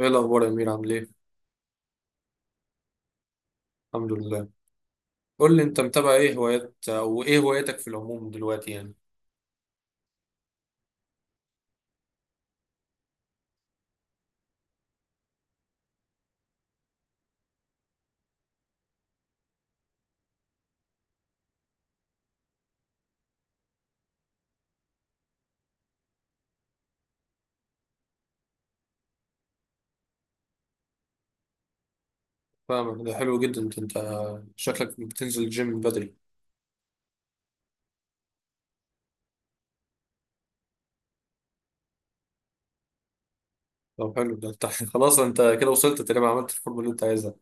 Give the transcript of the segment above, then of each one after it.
ايه الاخبار يا امير، عامل ايه؟ الحمد لله. قول لي، انت متابع ايه هوايات او ايه هواياتك في العموم دلوقتي يعني؟ فاهمك. ده حلو جدا. انت شكلك بتنزل الجيم من بدري. طب حلو ده انت. خلاص انت كده وصلت تقريبا، عملت الفورمه اللي انت عايزها.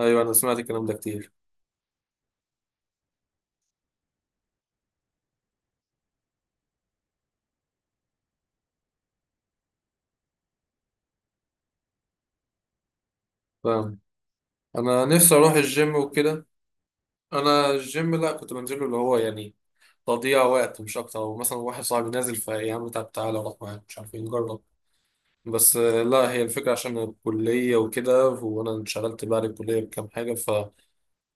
ايوه، انا سمعت الكلام ده كتير. فاهم. انا نفسي اروح الجيم وكده. انا الجيم، لا، كنت بنزله اللي هو يعني تضييع وقت مش اكتر. ومثلا واحد صاحبي نازل فيا، عم طب تعالى اروح معاك مش عارف ايه، نجرب. بس لا، هي الفكره عشان الكليه وكده، وانا انشغلت بعد الكليه بكام حاجه.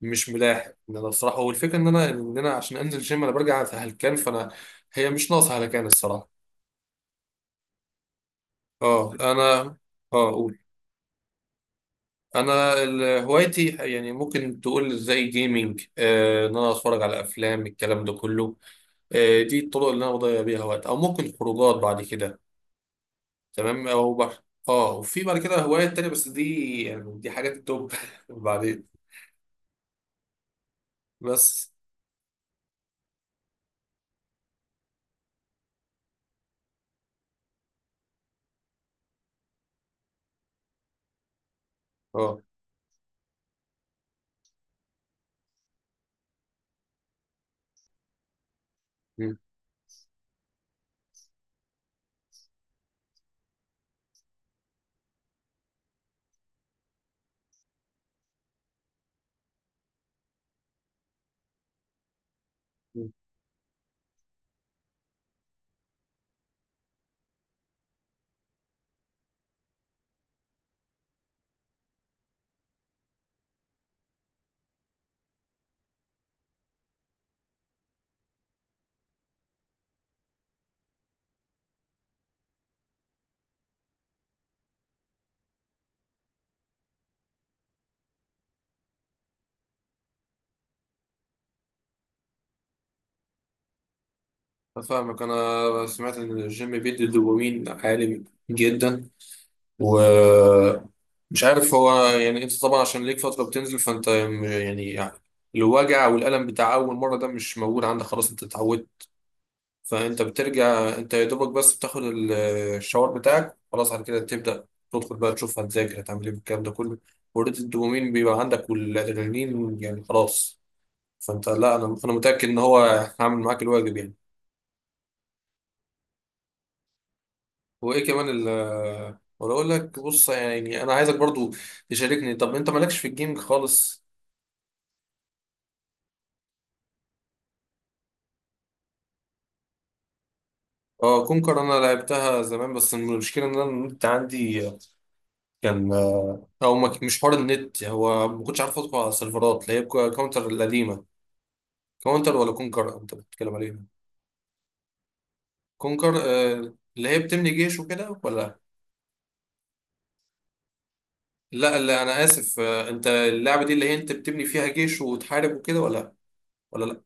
مش ملاحق ان انا بصراحه. والفكره ان انا عشان انزل جيم انا برجع هلكان، فانا هي مش ناقصه هلكان الصراحه. اه انا. اه قول. انا هوايتي يعني، ممكن تقول زي جيمنج. ان انا اتفرج على افلام، الكلام ده كله. دي الطرق اللي انا بضيع بيها وقت، او ممكن خروجات بعد كده. تمام، او اه وفي بعد كده هوايات تانية، بس دي يعني دي حاجات التوب بعدين. بس. اه، أنا فاهمك. أنا سمعت إن الجيم بيدي دوبامين عالي جدا. ومش عارف، هو يعني أنت طبعا عشان ليك فترة بتنزل، فأنت يعني الوجع والألم بتاع أول مرة ده مش موجود عندك، خلاص أنت اتعودت. فأنت بترجع أنت يا دوبك، بس بتاخد الشاور بتاعك. خلاص على كده تبدأ تدخل بقى تشوف هتذاكر هتعمل إيه بالكلام ده كله. وريت الدوبامين بيبقى عندك والأدرينالين، يعني خلاص. فأنت، لا، أنا متأكد إن هو هعمل معاك الواجب يعني. وايه كمان. ولا اقول لك، بص يعني انا عايزك برضو تشاركني. طب انت مالكش في الجيمنج خالص؟ اه كونكر، انا لعبتها زمان. بس المشكله ان انا النت عندي كان، او ما ك- مش حوار النت، هو ما كنتش عارف ادخل على السيرفرات اللي هي كاونتر القديمه. كاونتر ولا كونكر انت بتتكلم عليها؟ كونكر اللي هي بتبني جيش وكده، ولا؟ لا لا، انا اسف، انت اللعبه دي اللي هي انت بتبني فيها جيش وتحارب وكده، ولا؟ ولا لا.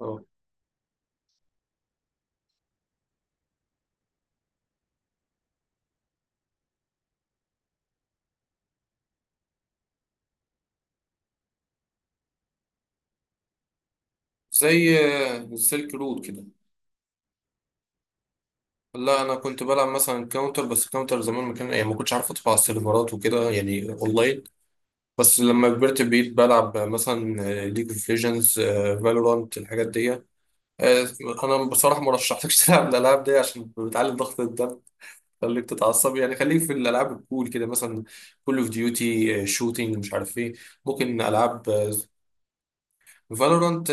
اه. زي السلك رود كده. لا، انا كنت بلعب مثلا كاونتر. بس كاونتر زمان ما كان يعني، ما كنتش عارف ادخل على السيرفرات وكده يعني اونلاين. بس لما كبرت بقيت بلعب مثلا ليج اوف ليجندز، فالورانت، الحاجات دي. آه، انا بصراحه ما رشحتكش تلعب الالعاب دي عشان بتعلي ضغط الدم. خليك تتعصب يعني، خليك في الالعاب الكول كده، مثلا كول اوف ديوتي، شوتينج مش عارف ايه. ممكن العاب فالورانت.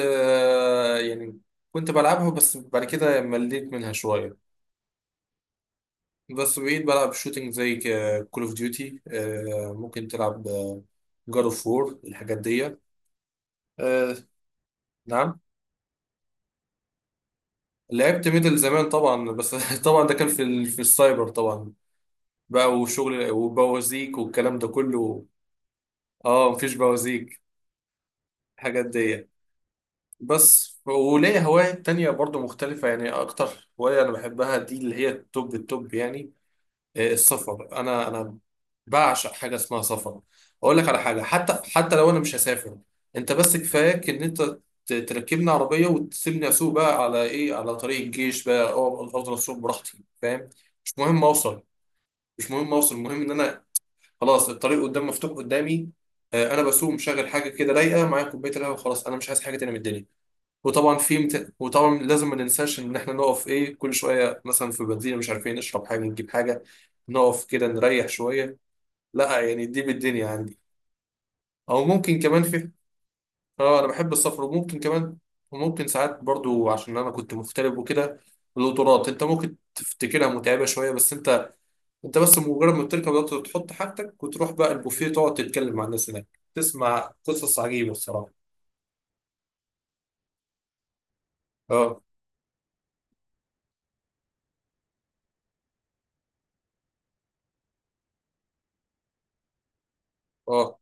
يعني كنت بلعبها، بس بعد كده مليت منها شويه. بس بقيت بلعب شوتينج زي كول اوف ديوتي. ممكن تلعب جاد اوف وور، الحاجات دي. آه، نعم. لعبت ميدل زمان طبعا. بس طبعا ده كان في السايبر طبعا، بقى وشغل وبوازيك والكلام ده كله. اه مفيش بوازيك، الحاجات دي. بس وليا هواية تانية برضو مختلفة يعني. أكتر هواية أنا بحبها، دي اللي هي التوب التوب يعني إيه، السفر. انا بعشق حاجه اسمها سفر. اقول لك على حاجه، حتى لو انا مش هسافر، انت بس كفاياك ان انت تركبني عربيه وتسيبني اسوق بقى على ايه، على طريق الجيش بقى، افضل اسوق براحتي، فاهم؟ مش مهم اوصل. مش مهم اوصل، المهم ان انا خلاص الطريق قدام مفتوح قدامي. انا بسوق مشغل حاجه كده رايقه معايا، كوبايه القهوه، وخلاص انا مش عايز حاجه تانية من الدنيا. وطبعا وطبعا لازم ما ننساش ان احنا نقف ايه كل شويه، مثلا في بنزينه، مش عارفين نشرب حاجه نجيب حاجه، نقف كده نريح شويه. لا يعني، دي بالدنيا عندي. او ممكن كمان اه انا بحب السفر. وممكن كمان، وممكن ساعات برضو، عشان انا كنت مغترب وكده، القطارات انت ممكن تفتكرها متعبه شويه، بس انت، انت بس مجرد ما بتركب القطر تحط حاجتك وتروح بقى البوفيه، تقعد تتكلم مع الناس هناك، تسمع قصص عجيبه الصراحه. اه اه.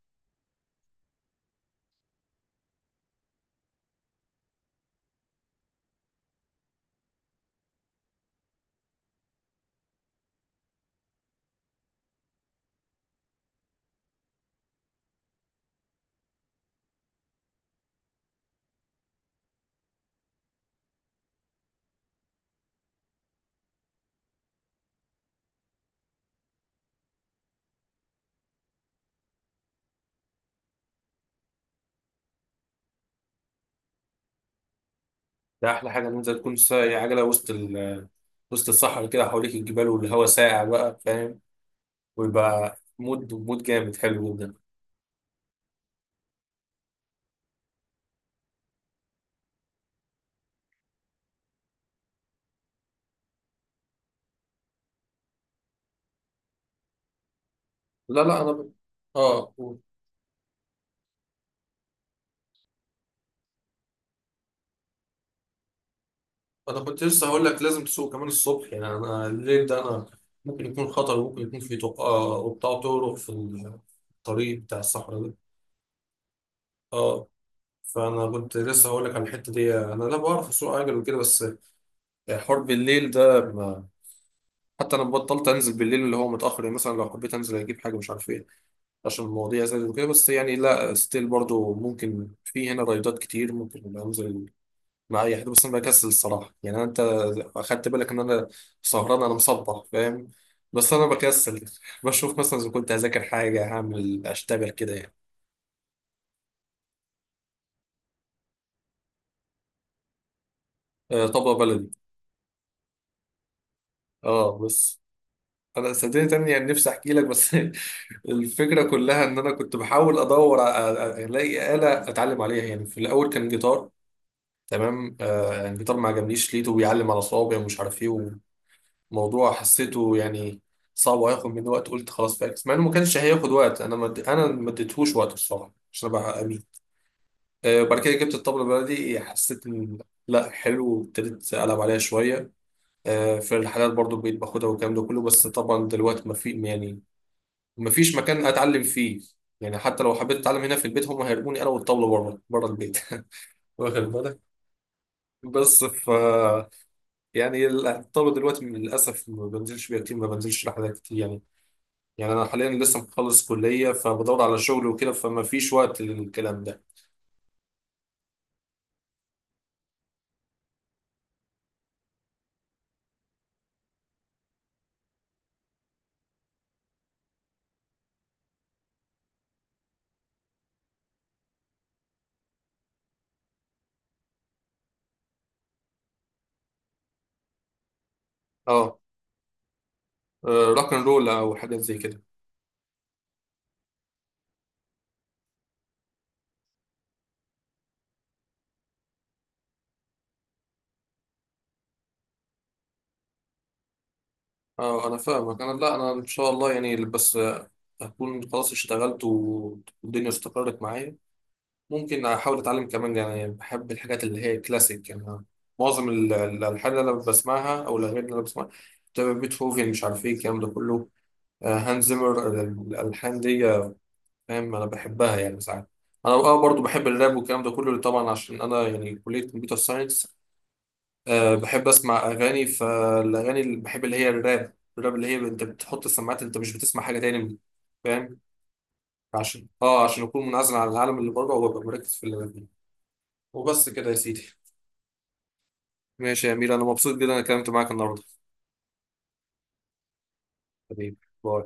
ده احلى حاجه ان انت تكون سايق عجله وسط الصحراء كده، حواليك الجبال والهواء ساقع بقى، فاهم؟ ويبقى مود مود جامد، حلو جدا. لا لا انا اه قول. انا كنت لسه هقول لك لازم تسوق كمان الصبح يعني. انا الليل ده انا ممكن يكون خطر، وممكن يكون في طرقة وبتاع طرق في الطريق بتاع الصحراء ده. اه. فانا كنت لسه هقول لك على الحته دي. انا لا بعرف اسوق عجل وكده، بس يعني حوار بالليل ده ما... حتى انا بطلت انزل بالليل اللي هو متاخر، يعني مثلا لو حبيت انزل اجيب حاجه مش عارف ايه، عشان المواضيع زادت وكده. بس يعني لا ستيل برضو ممكن، في هنا رايدات كتير ممكن انزل مع اي حد، بس انا بكسل الصراحه. يعني انت اخدت بالك ان انا سهران، انا مصبح، فاهم؟ بس انا بكسل بشوف مثلا اذا كنت هذاكر حاجه، هعمل اشتغل كده يعني. آه طبق بلدي. اه بس. انا صدقني تاني يعني نفسي احكي لك، بس الفكره كلها ان انا كنت بحاول ادور الاقي آلة اتعلم عليها يعني. في الاول كان جيتار، تمام، يعني جيتار ما عجبنيش، لقيته بيعلم على صوابعي ومش عارف ايه، وموضوع حسيته يعني صعب وهياخد مني وقت، قلت خلاص فاكس، مع انه ما كانش هياخد وقت، انا ما اديتهوش وقت الصراحه عشان ابقى امين. بعد كده جبت الطبله البلدي، حسيت ان لا حلو، وابتديت العب عليها شويه. في الحالات برضو بقيت باخدها والكلام ده كله، بس طبعا دلوقتي ما في يعني، ما فيش مكان اتعلم فيه. يعني حتى لو حبيت اتعلم هنا في البيت، هم هيرموني انا والطبله بره بره البيت. واخد بالك. بس يعني الطلبة دلوقتي للأسف ما بنزلش بيها كتير، ما بنزلش رحلات كتير يعني. يعني أنا حاليا لسه مخلص كلية، فبدور على شغل وكده، فما فيش وقت للكلام ده. اه روك اند رول أو حاجات زي كده. اه أنا فاهمك. أنا، لا، أنا إن شاء الله يعني. بس هكون خلاص اشتغلت والدنيا استقرت معايا، ممكن أحاول أتعلم كمان يعني. بحب الحاجات اللي هي كلاسيك يعني. أنا معظم الألحان اللي أنا بسمعها أو الأغاني اللي أنا بسمعها بتبقى بيتهوفن مش عارف إيه الكلام ده كله، هانز زيمر، الألحان دي فاهم انا بحبها يعني. ساعات انا برضو بحب الراب والكلام ده كله، طبعا عشان انا يعني كليه كمبيوتر ساينس. أه بحب اسمع اغاني، فالاغاني اللي بحب اللي هي الراب، الراب اللي هي انت بتحط السماعات انت مش بتسمع حاجه تاني، فاهم؟ عشان اكون منعزل عن العالم اللي بره وابقى مركز في اللي أنا فيه. وبس كده يا سيدي. ماشي يا امير، انا مبسوط جدا انا اتكلمت معاك النهارده. حبيبي. باي.